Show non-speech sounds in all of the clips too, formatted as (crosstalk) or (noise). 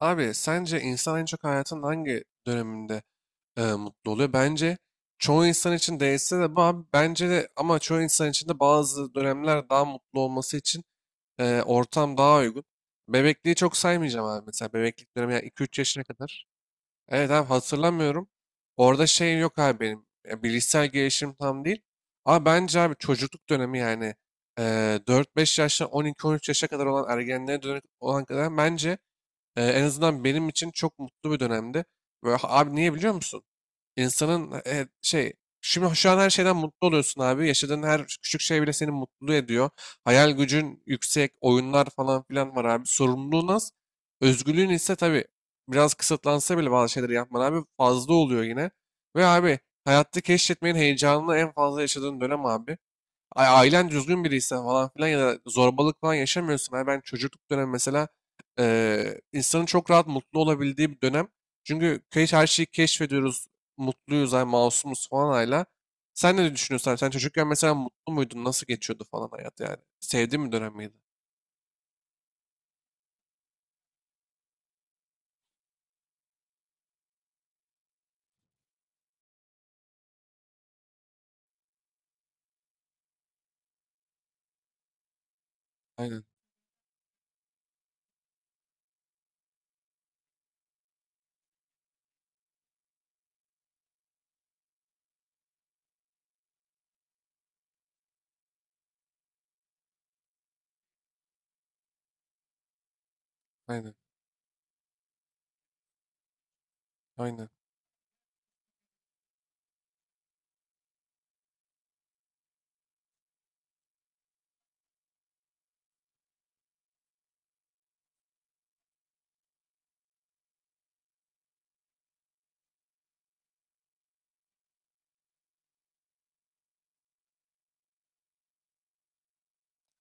Abi sence insan en çok hayatın hangi döneminde mutlu oluyor? Bence çoğu insan için değilse de bu abi bence de, ama çoğu insan için de bazı dönemler daha mutlu olması için ortam daha uygun. Bebekliği çok saymayacağım abi, mesela bebeklik dönemi yani iki üç yaşına kadar. Evet abi, hatırlamıyorum. Orada şey yok abi benim. Bilişsel gelişim tam değil. Ama bence abi çocukluk dönemi yani e, 4-5 yaştan on iki on üç yaşa kadar olan ergenliğe dönük olan kadar, bence en azından benim için çok mutlu bir dönemdi. Böyle, abi, niye biliyor musun? İnsanın şimdi şu an her şeyden mutlu oluyorsun abi. Yaşadığın her küçük şey bile seni mutlu ediyor. Hayal gücün yüksek, oyunlar falan filan var abi. Sorumluluğun az. Özgürlüğün ise tabii biraz kısıtlansa bile bazı şeyleri yapman abi fazla oluyor yine. Ve abi, hayatta keşfetmenin heyecanını en fazla yaşadığın dönem abi. Ay, ailen düzgün biriyse falan filan ya da zorbalık falan yaşamıyorsun. Abi ben çocukluk dönemi mesela insanın çok rahat mutlu olabildiği bir dönem. Çünkü her şeyi keşfediyoruz. Mutluyuz, ay masumuz falan hala. Sen ne düşünüyorsun abi? Sen çocukken mesela mutlu muydun? Nasıl geçiyordu falan hayat yani? Sevdiğin bir dönem miydi? Aynen, aynen, aynen.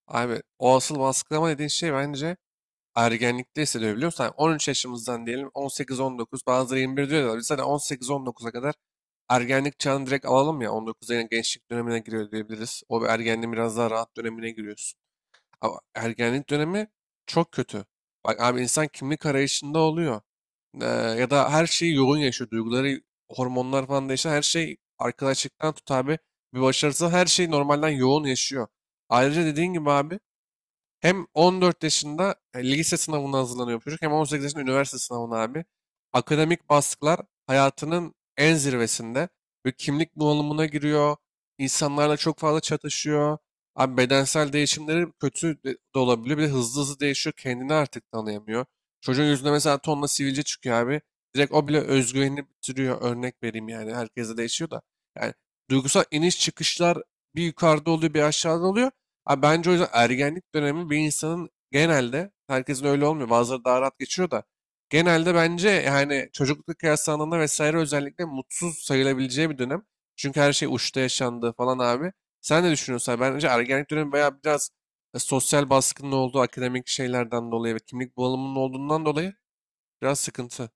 Abi o asıl baskılama dediğin şey, bence ergenlikte hissedebiliyorsan 13 yaşımızdan diyelim 18-19, bazıları 21 diyorlar. Biz hani 18-19'a kadar ergenlik çağını direkt alalım, ya 19'a yine gençlik dönemine giriyor diyebiliriz. O bir ergenliğin biraz daha rahat dönemine giriyorsun. Ama ergenlik dönemi çok kötü. Bak abi, insan kimlik arayışında oluyor. Ya da her şeyi yoğun yaşıyor. Duyguları, hormonlar falan değişiyor. Her şey, arkadaşlıktan tut abi. Bir başarısı, her şey normalden yoğun yaşıyor. Ayrıca dediğin gibi abi, hem 14 yaşında lise sınavına hazırlanıyor çocuk, hem 18 yaşında üniversite sınavına abi. Akademik baskılar hayatının en zirvesinde. Ve kimlik bunalımına giriyor. İnsanlarla çok fazla çatışıyor. Abi bedensel değişimleri kötü de de olabiliyor. Bir de hızlı hızlı değişiyor. Kendini artık tanıyamıyor. Çocuğun yüzünde mesela tonla sivilce çıkıyor abi. Direkt o bile özgüvenini bitiriyor. Örnek vereyim yani. Herkese değişiyor da. Yani duygusal iniş çıkışlar, bir yukarıda oluyor bir aşağıda oluyor. Abi bence o yüzden ergenlik dönemi bir insanın genelde, herkesin öyle olmuyor. Bazıları daha rahat geçiyor da. Genelde bence yani çocukluk kıyaslandığında vesaire, özellikle mutsuz sayılabileceği bir dönem. Çünkü her şey uçta yaşandı falan abi. Sen ne düşünüyorsun abi? Bence ergenlik dönemi bayağı biraz sosyal baskının olduğu akademik şeylerden dolayı ve kimlik bulanımının olduğundan dolayı biraz sıkıntı.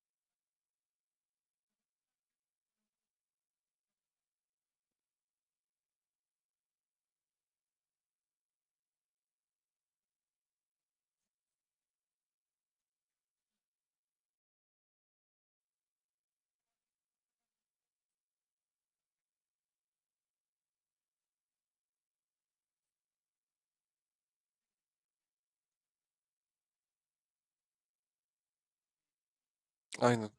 Aynen,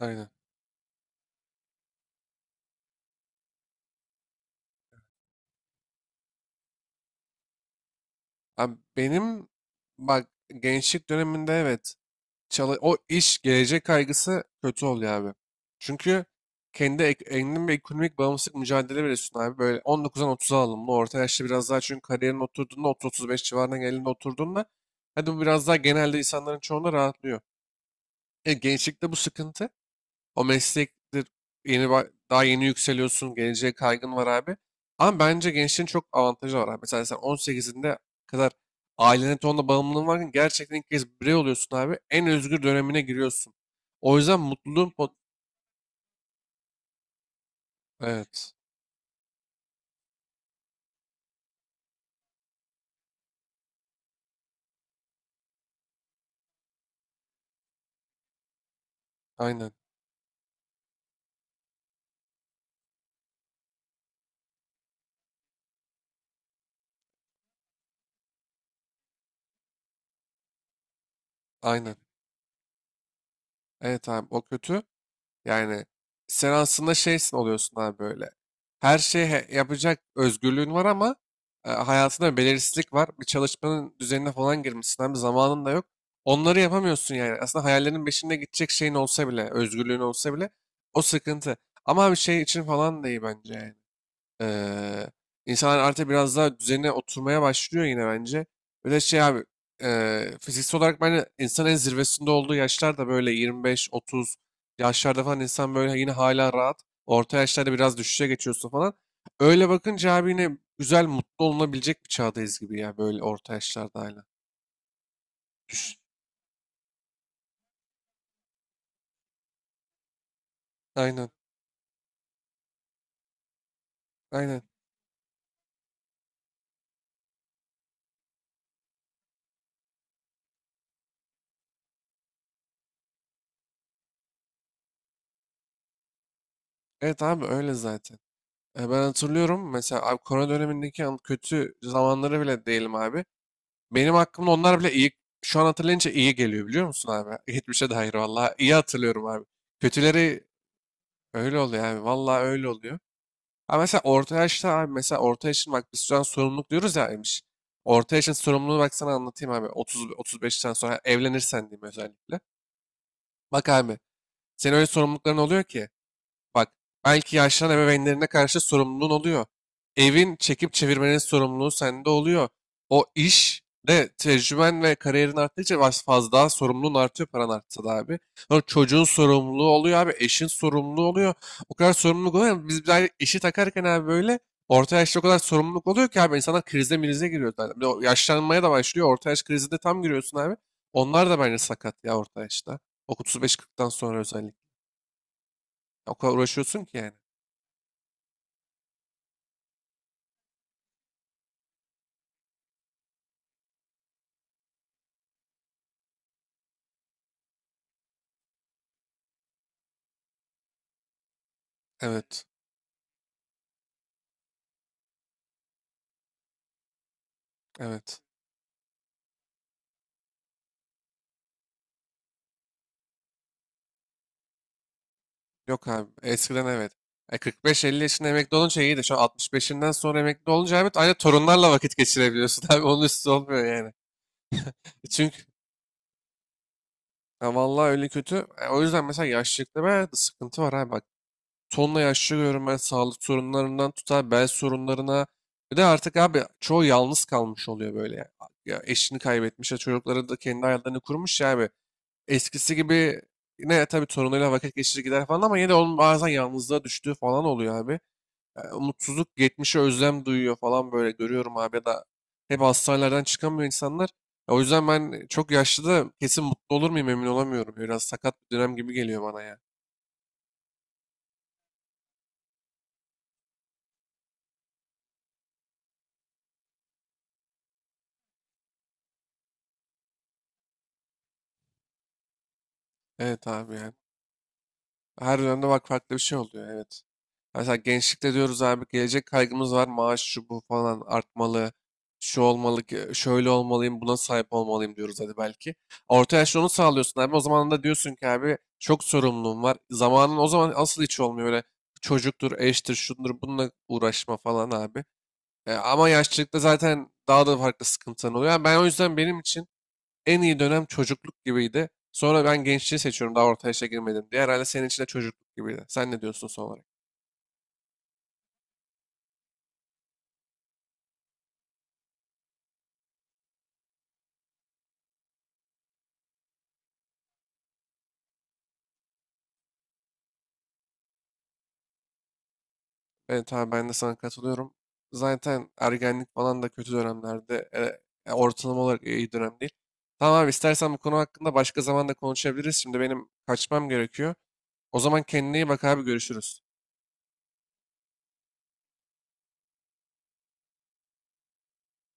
aynen. Abi benim, bak, gençlik döneminde evet. O iş, gelecek kaygısı kötü oluyor abi. Çünkü kendin ve ekonomik bağımsızlık mücadele veriyorsun abi. Böyle 19'dan 30'a alımlı. Orta yaşta biraz daha, çünkü kariyerin oturduğunda 30-35 civarına geldiğinde, oturduğunda, hadi bu biraz daha genelde insanların çoğunda rahatlıyor. Gençlikte bu sıkıntı. O meslektir. Daha yeni yükseliyorsun. Geleceğe kaygın var abi. Ama bence gençlerin çok avantajı var abi. Mesela sen 18'inde kadar ailene tonla bağımlılığın varken gerçekten ilk kez birey oluyorsun abi. En özgür dönemine giriyorsun. O yüzden mutluluğun pot... Evet. Aynen. Aynen. Evet abi o kötü. Yani sen aslında şeysin oluyorsun abi, böyle. Her şeyi yapacak özgürlüğün var ama hayatında belirsizlik var. Bir çalışmanın düzenine falan girmişsin abi, zamanın da yok. Onları yapamıyorsun yani. Aslında hayallerin peşinde gidecek şeyin olsa bile, özgürlüğün olsa bile, o sıkıntı. Ama bir şey için falan da iyi bence yani. Eee insanlar artık biraz daha düzenine oturmaya başlıyor yine bence. Bir de abi fiziksel olarak bence insanın en zirvesinde olduğu yaşlar da böyle 25-30 yaşlarda falan, insan böyle yine hala rahat. Orta yaşlarda biraz düşüşe geçiyorsun falan. Öyle bakınca abi yine güzel, mutlu olunabilecek bir çağdayız gibi, ya böyle orta yaşlarda hala. Aynen, aynen. Evet abi öyle zaten. Ben hatırlıyorum mesela abi, korona dönemindeki kötü zamanları bile değilim abi. Benim hakkımda onlar bile iyi, şu an hatırlayınca iyi geliyor, biliyor musun abi? Hiçbir şey dair vallahi iyi hatırlıyorum abi. Kötüleri öyle oluyor abi. Vallahi öyle oluyor. Ha, mesela orta yaşta abi, mesela orta yaşın, bak biz şu an sorumluluk diyoruz ya Emiş. Orta yaşın sorumluluğunu bak sana anlatayım abi. 30 35'ten sonra evlenirsen diyeyim, özellikle. Bak abi, senin öyle sorumlulukların oluyor ki. Bak, belki yaşlanan ebeveynlerine karşı sorumluluğun oluyor. Evin çekip çevirmenin sorumluluğu sende oluyor. O iş de, tecrüben ve kariyerin arttıkça fazla daha sorumluluğun artıyor, paran artsa da abi. Sonra çocuğun sorumluluğu oluyor abi. Eşin sorumluluğu oluyor. O kadar sorumluluk oluyor ki, biz bir daha işi takarken abi, böyle orta yaşta o kadar sorumluluk oluyor ki abi, insanlar krize mirize giriyor zaten. Bir de o yaşlanmaya da başlıyor. Orta yaş krizinde tam giriyorsun abi. Onlar da bence sakat ya orta yaşta. O 35-40'tan sonra özellikle. O kadar uğraşıyorsun ki yani. Evet. Evet. Yok abi. Eskiden evet. 45-50 yaşında emekli olunca iyiydi. Şu an 65'inden sonra emekli olunca, evet, aynı torunlarla vakit geçirebiliyorsun (laughs) abi. Onun üstü olmuyor yani. Çünkü ya vallahi öyle kötü. O yüzden mesela yaşlılıkta ben sıkıntı var abi. Bak, tonla yaşlı görüyorum ben, sağlık sorunlarından tutar bel sorunlarına. Bir de artık abi çoğu yalnız kalmış oluyor böyle. Ya, ya eşini kaybetmiş, ya çocukları da kendi hayatlarını kurmuş, ya abi. Eskisi gibi yine tabii torunuyla vakit geçirir gider falan, ama yine de onun bazen yalnızlığa düştüğü falan oluyor abi. Yani umutsuzluk, geçmişe özlem duyuyor falan, böyle görüyorum abi, ya da hep hastanelerden çıkamıyor insanlar. Ya o yüzden ben çok yaşlı da kesin mutlu olur muyum, emin olamıyorum. Biraz sakat bir dönem gibi geliyor bana ya. Evet abi yani. Her dönemde bak farklı bir şey oluyor, evet. Mesela gençlikte diyoruz abi, gelecek kaygımız var. Maaş şu bu falan artmalı. Şu olmalı ki, şöyle olmalıyım, buna sahip olmalıyım diyoruz, hadi belki. Orta yaşta onu sağlıyorsun abi. O zaman da diyorsun ki abi, çok sorumluluğum var. Zamanın o zaman asıl hiç olmuyor. Öyle çocuktur, eştir, şundur, bununla uğraşma falan abi. Ama yaşlılıkta zaten daha da farklı sıkıntılar oluyor. Yani ben o yüzden, benim için en iyi dönem çocukluk gibiydi. Sonra ben gençliği seçiyorum, daha orta yaşa girmedim diye. Herhalde senin için de çocukluk gibiydi. Sen ne diyorsun son olarak? Evet abi ben de sana katılıyorum. Zaten ergenlik falan da kötü dönemlerde, ortalama olarak iyi dönem değil. Tamam abi, istersen bu konu hakkında başka zaman da konuşabiliriz. Şimdi benim kaçmam gerekiyor. O zaman kendine iyi bak abi, görüşürüz.